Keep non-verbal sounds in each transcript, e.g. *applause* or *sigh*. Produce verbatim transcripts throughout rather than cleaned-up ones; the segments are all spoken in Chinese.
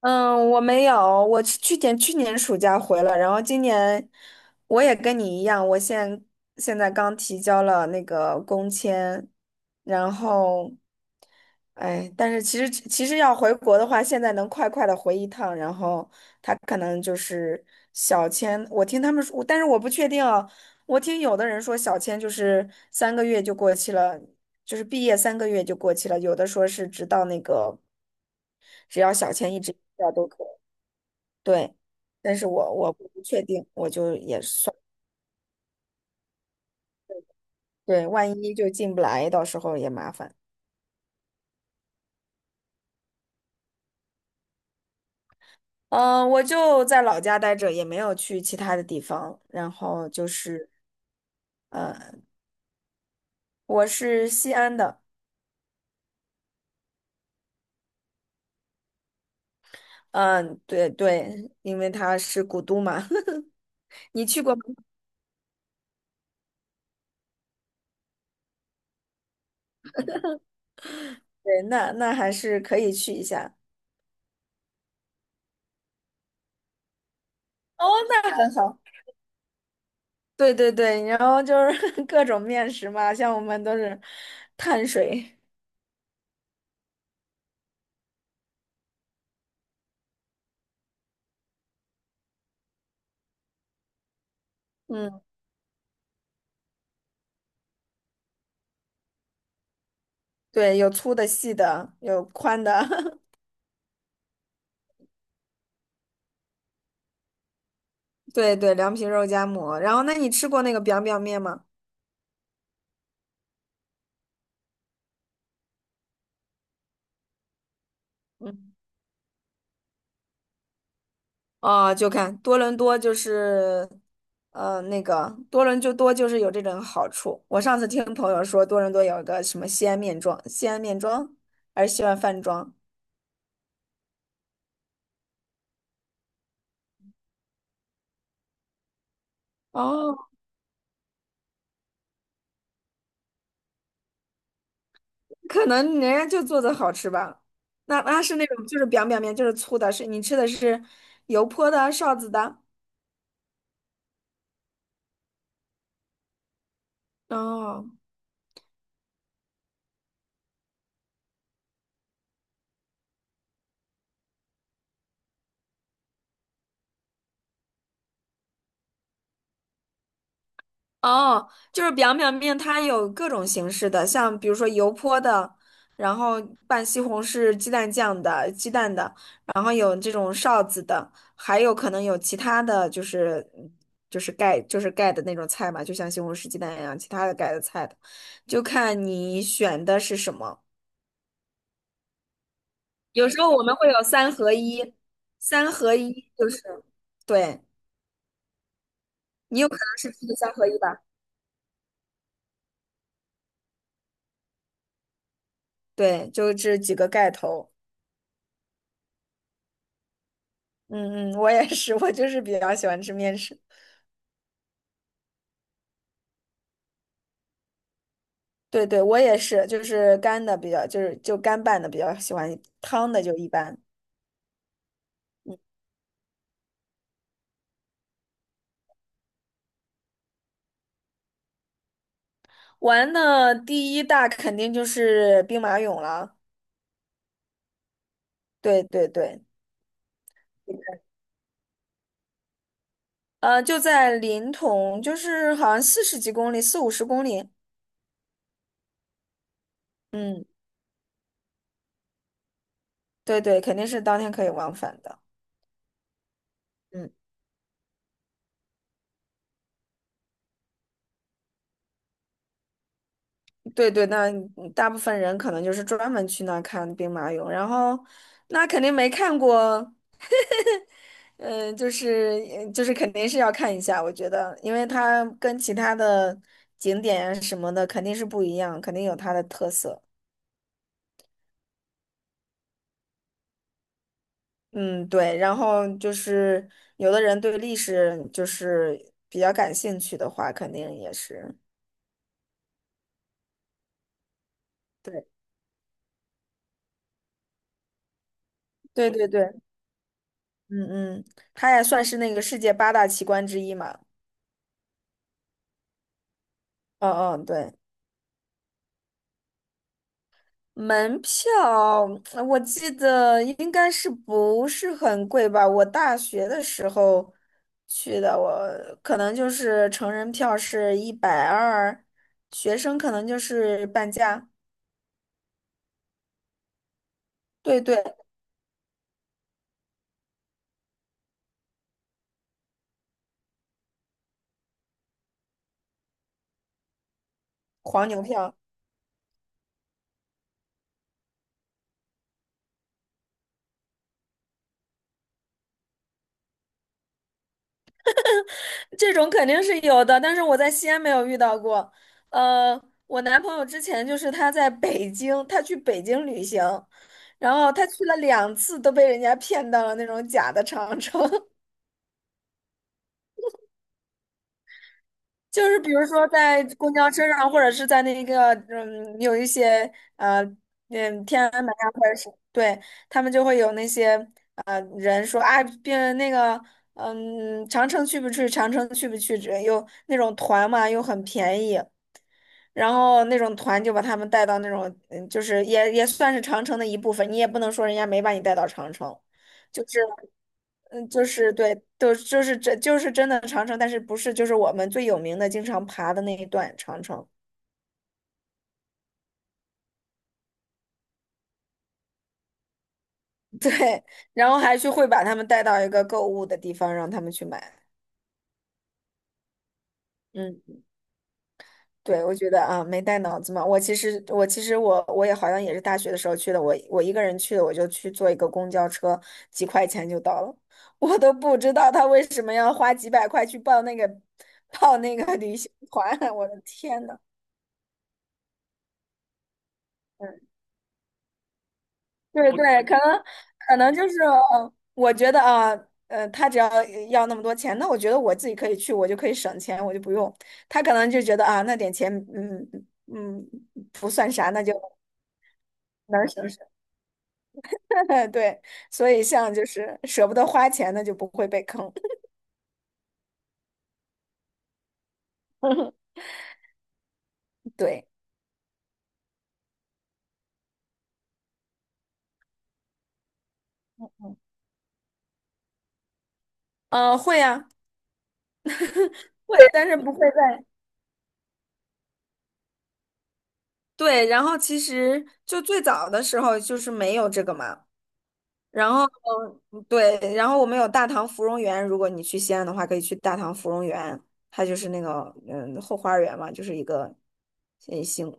嗯，我没有，我是去年去年暑假回了，然后今年我也跟你一样，我现现在刚提交了那个工签，然后，哎，但是其实其实要回国的话，现在能快快的回一趟，然后他可能就是小签，我听他们说，但是我不确定啊，我听有的人说小签就是三个月就过期了，就是毕业三个月就过期了，有的说是直到那个只要小签一直。要都可以。对，但是我我不确定，我就也算，对，万一就进不来，到时候也麻烦。嗯，我就在老家待着，也没有去其他的地方。然后就是我是西安的，嗯，对对，因为它是古都嘛。*laughs* 你去过吗？对，那那还是可以去一下。哦，那很好。对对对，然后就是 *laughs* 各种面食嘛，像我们都是碳水，嗯，对，有粗的、细的，有宽的。*laughs* 对对，凉皮肉夹馍。然后，那你吃过那个 biang biang 面吗？嗯，哦，就看多伦多就是，呃，那个多伦就多就是有这种好处。我上次听朋友说，多伦多有一个什么西安面庄，西安面庄还是西安饭庄，哦，可能人家就做的好吃吧。那那是那种就是 biang biang 面，就是粗的，是你吃的是油泼的、臊子的。哦。哦，就是表表面它有各种形式的，像比如说油泼的，然后拌西红柿鸡蛋酱的、鸡蛋的，然后有这种臊子的，还有可能有其他的就是就是盖就是盖的那种菜嘛，就像西红柿鸡蛋一样，其他的盖的菜的，就看你选的是什么。有时候我们会有三合一，三合一就是，对，你有可能是吃的三合一吧？对，就这几个盖头。嗯嗯，我也是，我就是比较喜欢吃面食。对对，我也是，就是干的比较，就是就干拌的比较喜欢，汤的就一般。玩的第一大肯定就是兵马俑了。对对对，呃，就在临潼，就是好像四十几公里，四五十公里。嗯，对对，肯定是当天可以往返的。嗯，对对，那大部分人可能就是专门去那儿看兵马俑，然后那肯定没看过。嗯，呃就是呃就是肯定是要看一下，我觉得，因为它跟其他的景点啊什么的肯定是不一样，肯定有它的特色。嗯，对。然后就是有的人对历史就是比较感兴趣的话，肯定也是。对，对对对，嗯嗯，它也算是那个世界八大奇观之一嘛。嗯嗯，对。门票，呃我记得应该是不是很贵吧？我大学的时候去的，我可能就是成人票是一百二，学生可能就是半价。对对，黄牛票这种肯定是有的，但是我在西安没有遇到过。呃，我男朋友之前就是他在北京，他去北京旅行，然后他去了两次都被人家骗到了那种假的长城。就是比如说在公交车上，或者是在那个嗯，有一些呃嗯天安门啊，或者是对他们就会有那些呃人说啊，别那个嗯长城去不去？长城去不去？只又那种团嘛，又很便宜，然后那种团就把他们带到那种嗯，就是也也算是长城的一部分，你也不能说人家没把你带到长城，就是。嗯，就是对，都就是真就是真的长城，但是不是就是我们最有名的经常爬的那一段长城。*laughs* 对，然后还去会把他们带到一个购物的地方，让他们去买。嗯，对，我觉得啊，没带脑子嘛。我其实我其实我我也好像也是大学的时候去的，我我一个人去的，我就去坐一个公交车，几块钱就到了，*laughs* 我都不知道他为什么要花几百块去报那个报那个旅行团，*laughs* 我的天呐！嗯对对，可能可能就是，呃，我觉得啊，呃，他只要要那么多钱，那我觉得我自己可以去，我就可以省钱，我就不用。他可能就觉得啊，那点钱，嗯嗯，不算啥，那就能省省。*laughs* 对，所以像就是舍不得花钱，那就不会被坑。*laughs* 对，嗯，会啊，会，但是不会在。对，然后其实就最早的时候就是没有这个嘛，然后，嗯对，然后我们有大唐芙蓉园，如果你去西安的话，可以去大唐芙蓉园，它就是那个嗯后花园嘛，就是一个呃行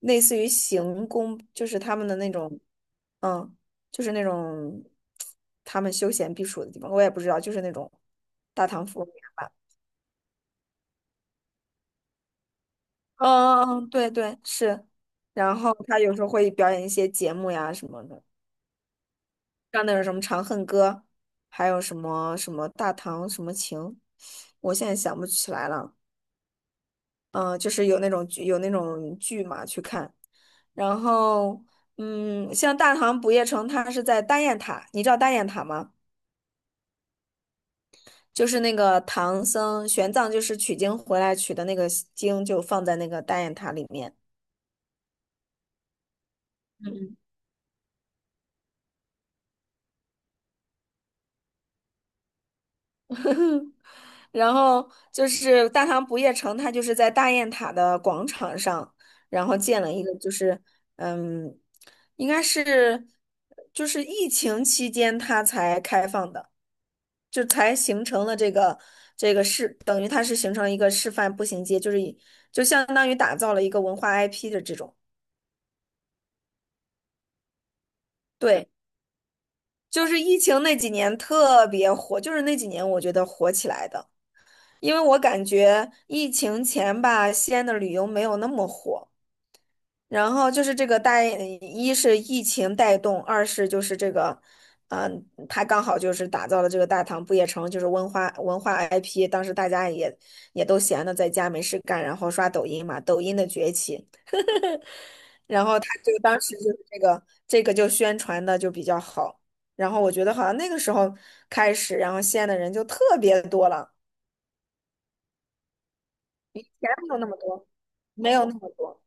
类似于行宫，就是他们的那种，嗯，就是那种他们休闲避暑的地方，我也不知道，就是那种大唐芙蓉园吧。嗯嗯，嗯对对是，然后他有时候会表演一些节目呀什么的。像那种什么《长恨歌》，还有什么什么《大唐什么情》，我现在想不起来了。嗯、呃就是有那种剧有那种剧嘛去看，然后嗯，像《大唐不夜城》，它是在大雁塔，你知道大雁塔吗？就是那个唐僧玄奘就是取经回来取的那个经，就放在那个大雁塔里面。*laughs* 然后就是大唐不夜城，它就是在大雁塔的广场上，然后建了一个，就是嗯，应该是就是疫情期间它才开放的，就才形成了这个这个是等于它是形成了一个示范步行街，就是以就相当于打造了一个文化 I P 的这种，对，就是疫情那几年特别火，就是那几年我觉得火起来的。因为我感觉疫情前吧，西安的旅游没有那么火。然后就是这个带，一是疫情带动，二是就是这个，嗯、他刚好就是打造了这个大唐不夜城，就是文化文化 I P。当时大家也也都闲的在家没事干，然后刷抖音嘛，抖音的崛起。然后他这个当时就是这个这个就宣传的就比较好。然后我觉得好像那个时候开始，然后西安的人就特别多了，钱没有那么多，没有那么多。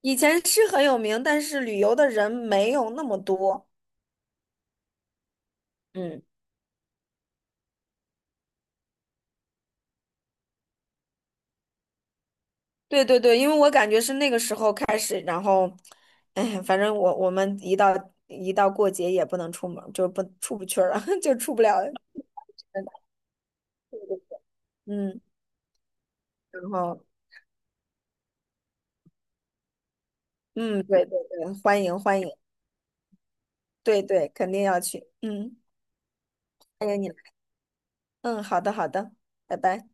以前是很有名，但是旅游的人没有那么多。嗯，对对对，因为我感觉是那个时候开始，然后，哎，反正我我们一到一到过节也不能出门，就不出不去了，*laughs* 就出不了。嗯，然后嗯，对对对，欢迎欢迎，对对，肯定要去。嗯，欢迎你来嗯，好的好的，拜拜。